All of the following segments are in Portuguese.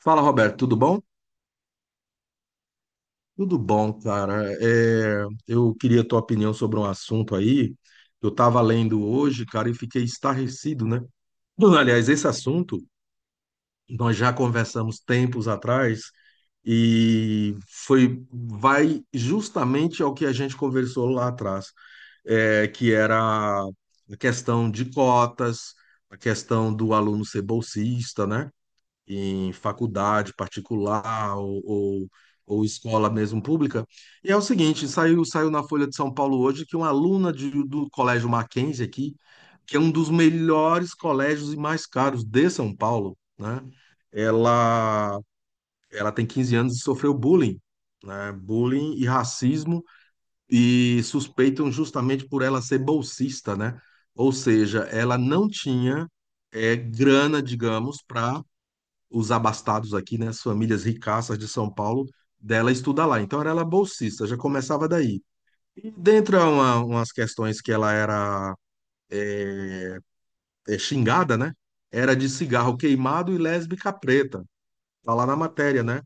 Fala, Roberto, tudo bom? Tudo bom, cara. É, eu queria a tua opinião sobre um assunto aí. Eu estava lendo hoje, cara, e fiquei estarrecido, né? Bom, aliás, esse assunto nós já conversamos tempos atrás e foi vai justamente ao que a gente conversou lá atrás, é, que era a questão de cotas, a questão do aluno ser bolsista, né? Em faculdade particular ou escola mesmo pública. E é o seguinte, saiu na Folha de São Paulo hoje que uma aluna do Colégio Mackenzie aqui, que é um dos melhores colégios e mais caros de São Paulo, né? Ela, ela tem 15 anos e sofreu bullying, né? Bullying e racismo, e suspeitam justamente por ela ser bolsista, né? Ou seja, ela não tinha grana, digamos, para os abastados aqui, né, as famílias ricaças de São Paulo, dela estudar lá. Então era ela bolsista, já começava daí. E dentre umas questões que ela era xingada, né, era de cigarro queimado e lésbica preta. Tá lá na matéria, né?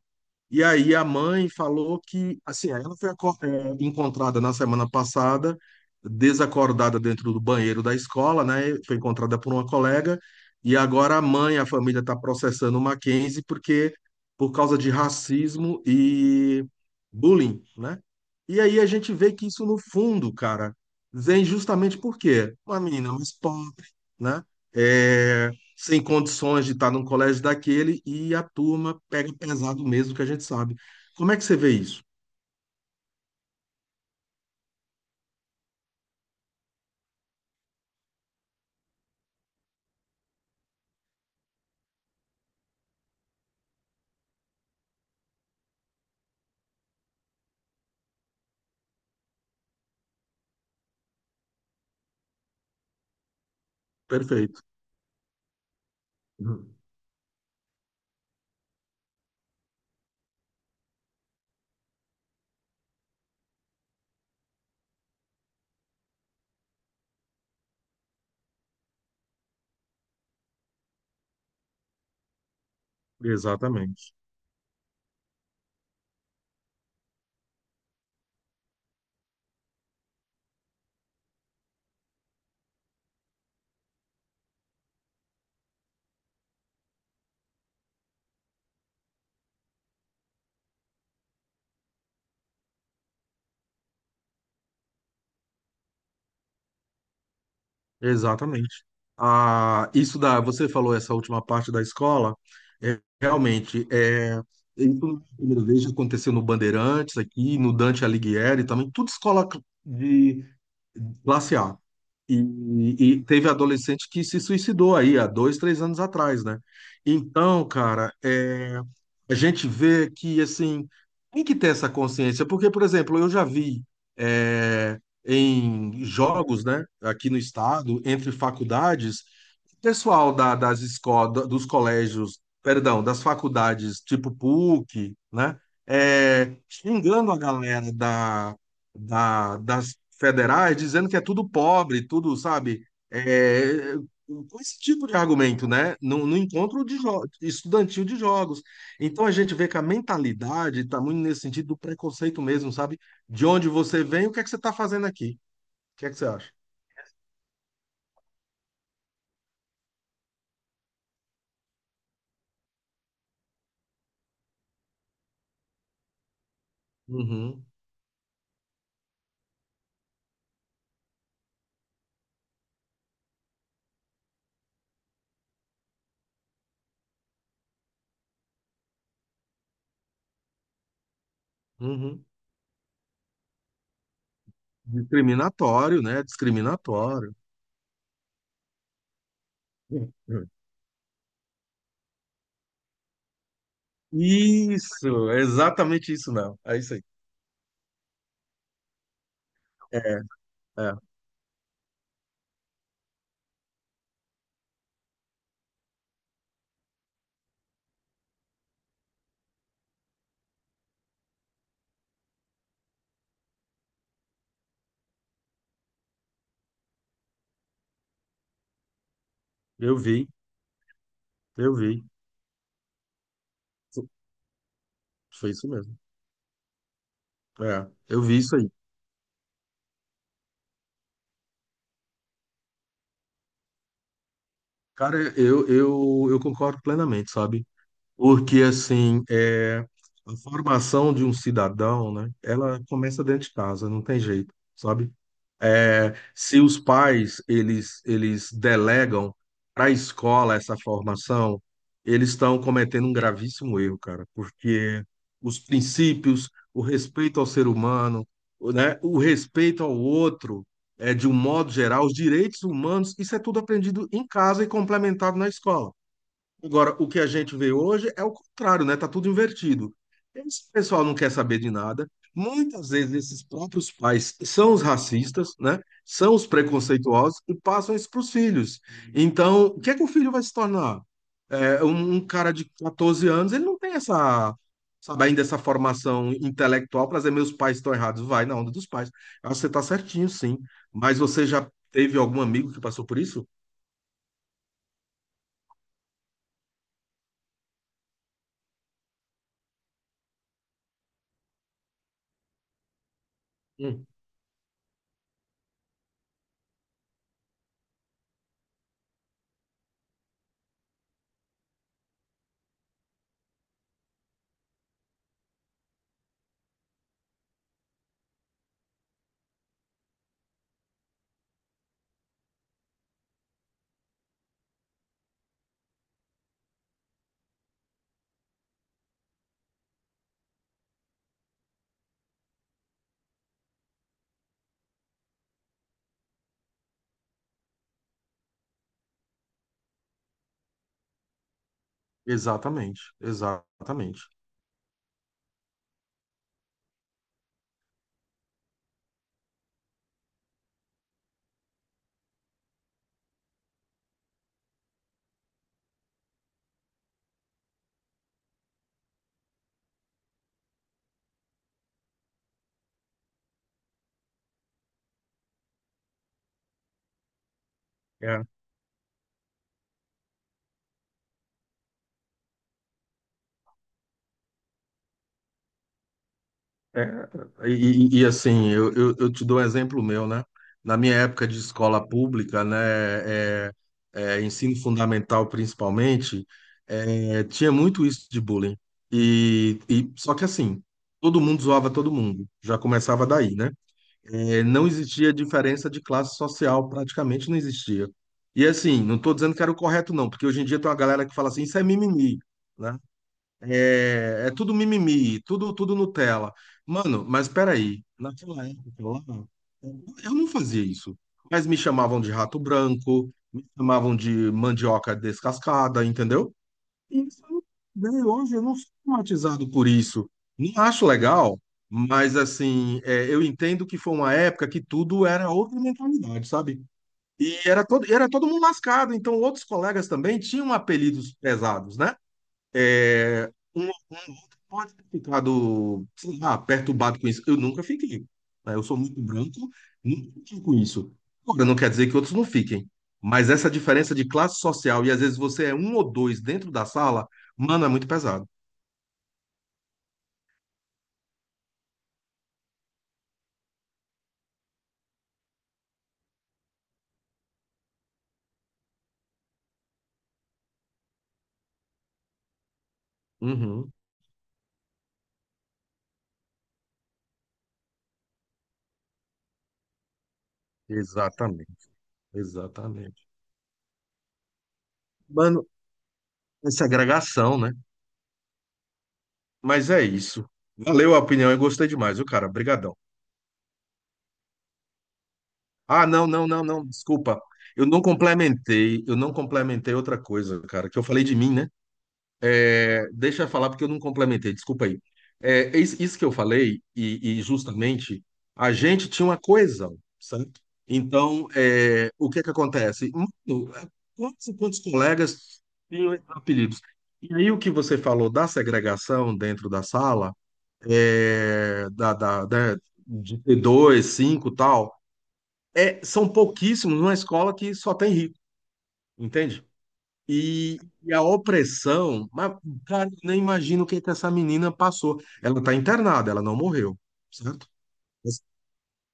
E aí a mãe falou que, assim, aí ela foi encontrada na semana passada, desacordada dentro do banheiro da escola, né? Foi encontrada por uma colega, e agora a mãe, a família está processando o Mackenzie por causa de racismo e bullying, né? E aí a gente vê que isso no fundo, cara, vem justamente por quê? Uma menina mais pobre, né? É, sem condições de estar num colégio daquele e a turma pega pesado mesmo, que a gente sabe. Como é que você vê isso? Perfeito. Uhum. Exatamente. Exatamente. Ah, isso da, você falou essa última parte da escola, é, realmente, é, isso a primeira vez já aconteceu no Bandeirantes aqui, no Dante Alighieri também, tudo escola de classe A. E teve adolescente que se suicidou aí há dois, três anos atrás, né? Então, cara, é, a gente vê que, assim, tem que ter essa consciência, porque, por exemplo, eu já vi, é, em jogos, né, aqui no estado, entre faculdades, pessoal das escolas, dos colégios, perdão, das faculdades tipo PUC, né, xingando a galera das federais, dizendo que é tudo pobre, tudo, sabe, é, com esse tipo de argumento, né, no encontro de estudantil de jogos. Então a gente vê que a mentalidade está muito nesse sentido do preconceito mesmo, sabe? De onde você vem, o que é que você está fazendo aqui? O que é que você acha? Uhum, uhum. Discriminatório, né? Discriminatório. Isso, é exatamente isso mesmo. É isso aí. É, é. eu vi, eu vi. Foi isso mesmo. É, eu vi isso aí. Cara, eu concordo plenamente, sabe? Porque, assim, a formação de um cidadão, né, ela começa dentro de casa, não tem jeito, sabe? É, se os pais, eles delegam para a escola essa formação, eles estão cometendo um gravíssimo erro, cara, porque os princípios, o respeito ao ser humano, né, o respeito ao outro, de um modo geral, os direitos humanos, isso é tudo aprendido em casa e complementado na escola. Agora, o que a gente vê hoje é o contrário, né? Tá tudo invertido. Esse pessoal não quer saber de nada. Muitas vezes esses próprios pais são os racistas, né? São os preconceituosos e passam isso para os filhos. Então, o que é que o filho vai se tornar? É, um cara de 14 anos, ele não tem essa, sabe, ainda essa formação intelectual para dizer meus pais estão errados. Vai na onda dos pais. Eu acho que você está certinho, sim. Mas você já teve algum amigo que passou por isso? Hum. Exatamente, exatamente. É, É, assim, eu te dou um exemplo meu, né? Na minha época de escola pública, né, é, ensino fundamental principalmente, tinha muito isso de bullying. E só que assim, todo mundo zoava todo mundo. Já começava daí, né? É, não existia diferença de classe social, praticamente não existia. E assim, não estou dizendo que era o correto não, porque hoje em dia tem uma galera que fala assim, isso é mimimi, né? É, é tudo mimimi, tudo Nutella. Mano, mas peraí, naquela época lá, eu não fazia isso. Mas me chamavam de rato branco, me chamavam de mandioca descascada, entendeu? E isso, né, hoje eu não sou traumatizado por isso. Não acho legal, mas assim, eu entendo que foi uma época que tudo era outra mentalidade, sabe? E era todo mundo lascado, então outros colegas também tinham apelidos pesados, né? É, um outro pode ter ficado, sei lá, perturbado com isso. Eu nunca fiquei, né? Eu sou muito branco, nunca fiquei com isso. Agora, não quer dizer que outros não fiquem. Mas essa diferença de classe social, e às vezes você é um ou dois dentro da sala, mano, é muito pesado. Uhum. Exatamente, exatamente. Mano, essa agregação, né? Mas é isso. Valeu a opinião e gostei demais, viu, cara? Obrigadão. Ah, não, não, não, não, desculpa. Eu não complementei outra coisa, cara, que eu falei de mim, né? É, deixa eu falar porque eu não complementei, desculpa aí. É, isso que eu falei, e justamente, a gente tinha uma coesão, certo? Então, é, o que é que acontece? Mano, é, quantos colegas tinham esses apelidos? E aí, o que você falou da segregação dentro da sala, é, da, da, da, de T2, 5 e tal são pouquíssimos numa escola que só tem rico, entende? E a opressão, mas, cara, eu nem imagino o que que essa menina passou. Ela está internada, ela não morreu, certo? Mas,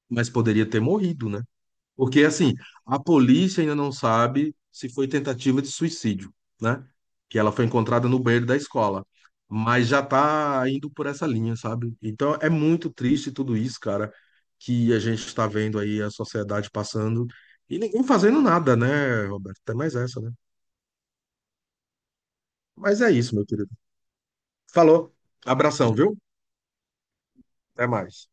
mas poderia ter morrido, né? Porque, assim, a polícia ainda não sabe se foi tentativa de suicídio, né? Que ela foi encontrada no banheiro da escola. Mas já tá indo por essa linha, sabe? Então é muito triste tudo isso, cara, que a gente está vendo aí a sociedade passando e ninguém fazendo nada, né, Roberto? Até mais essa, né? Mas é isso, meu querido. Falou. Abração, viu? Até mais.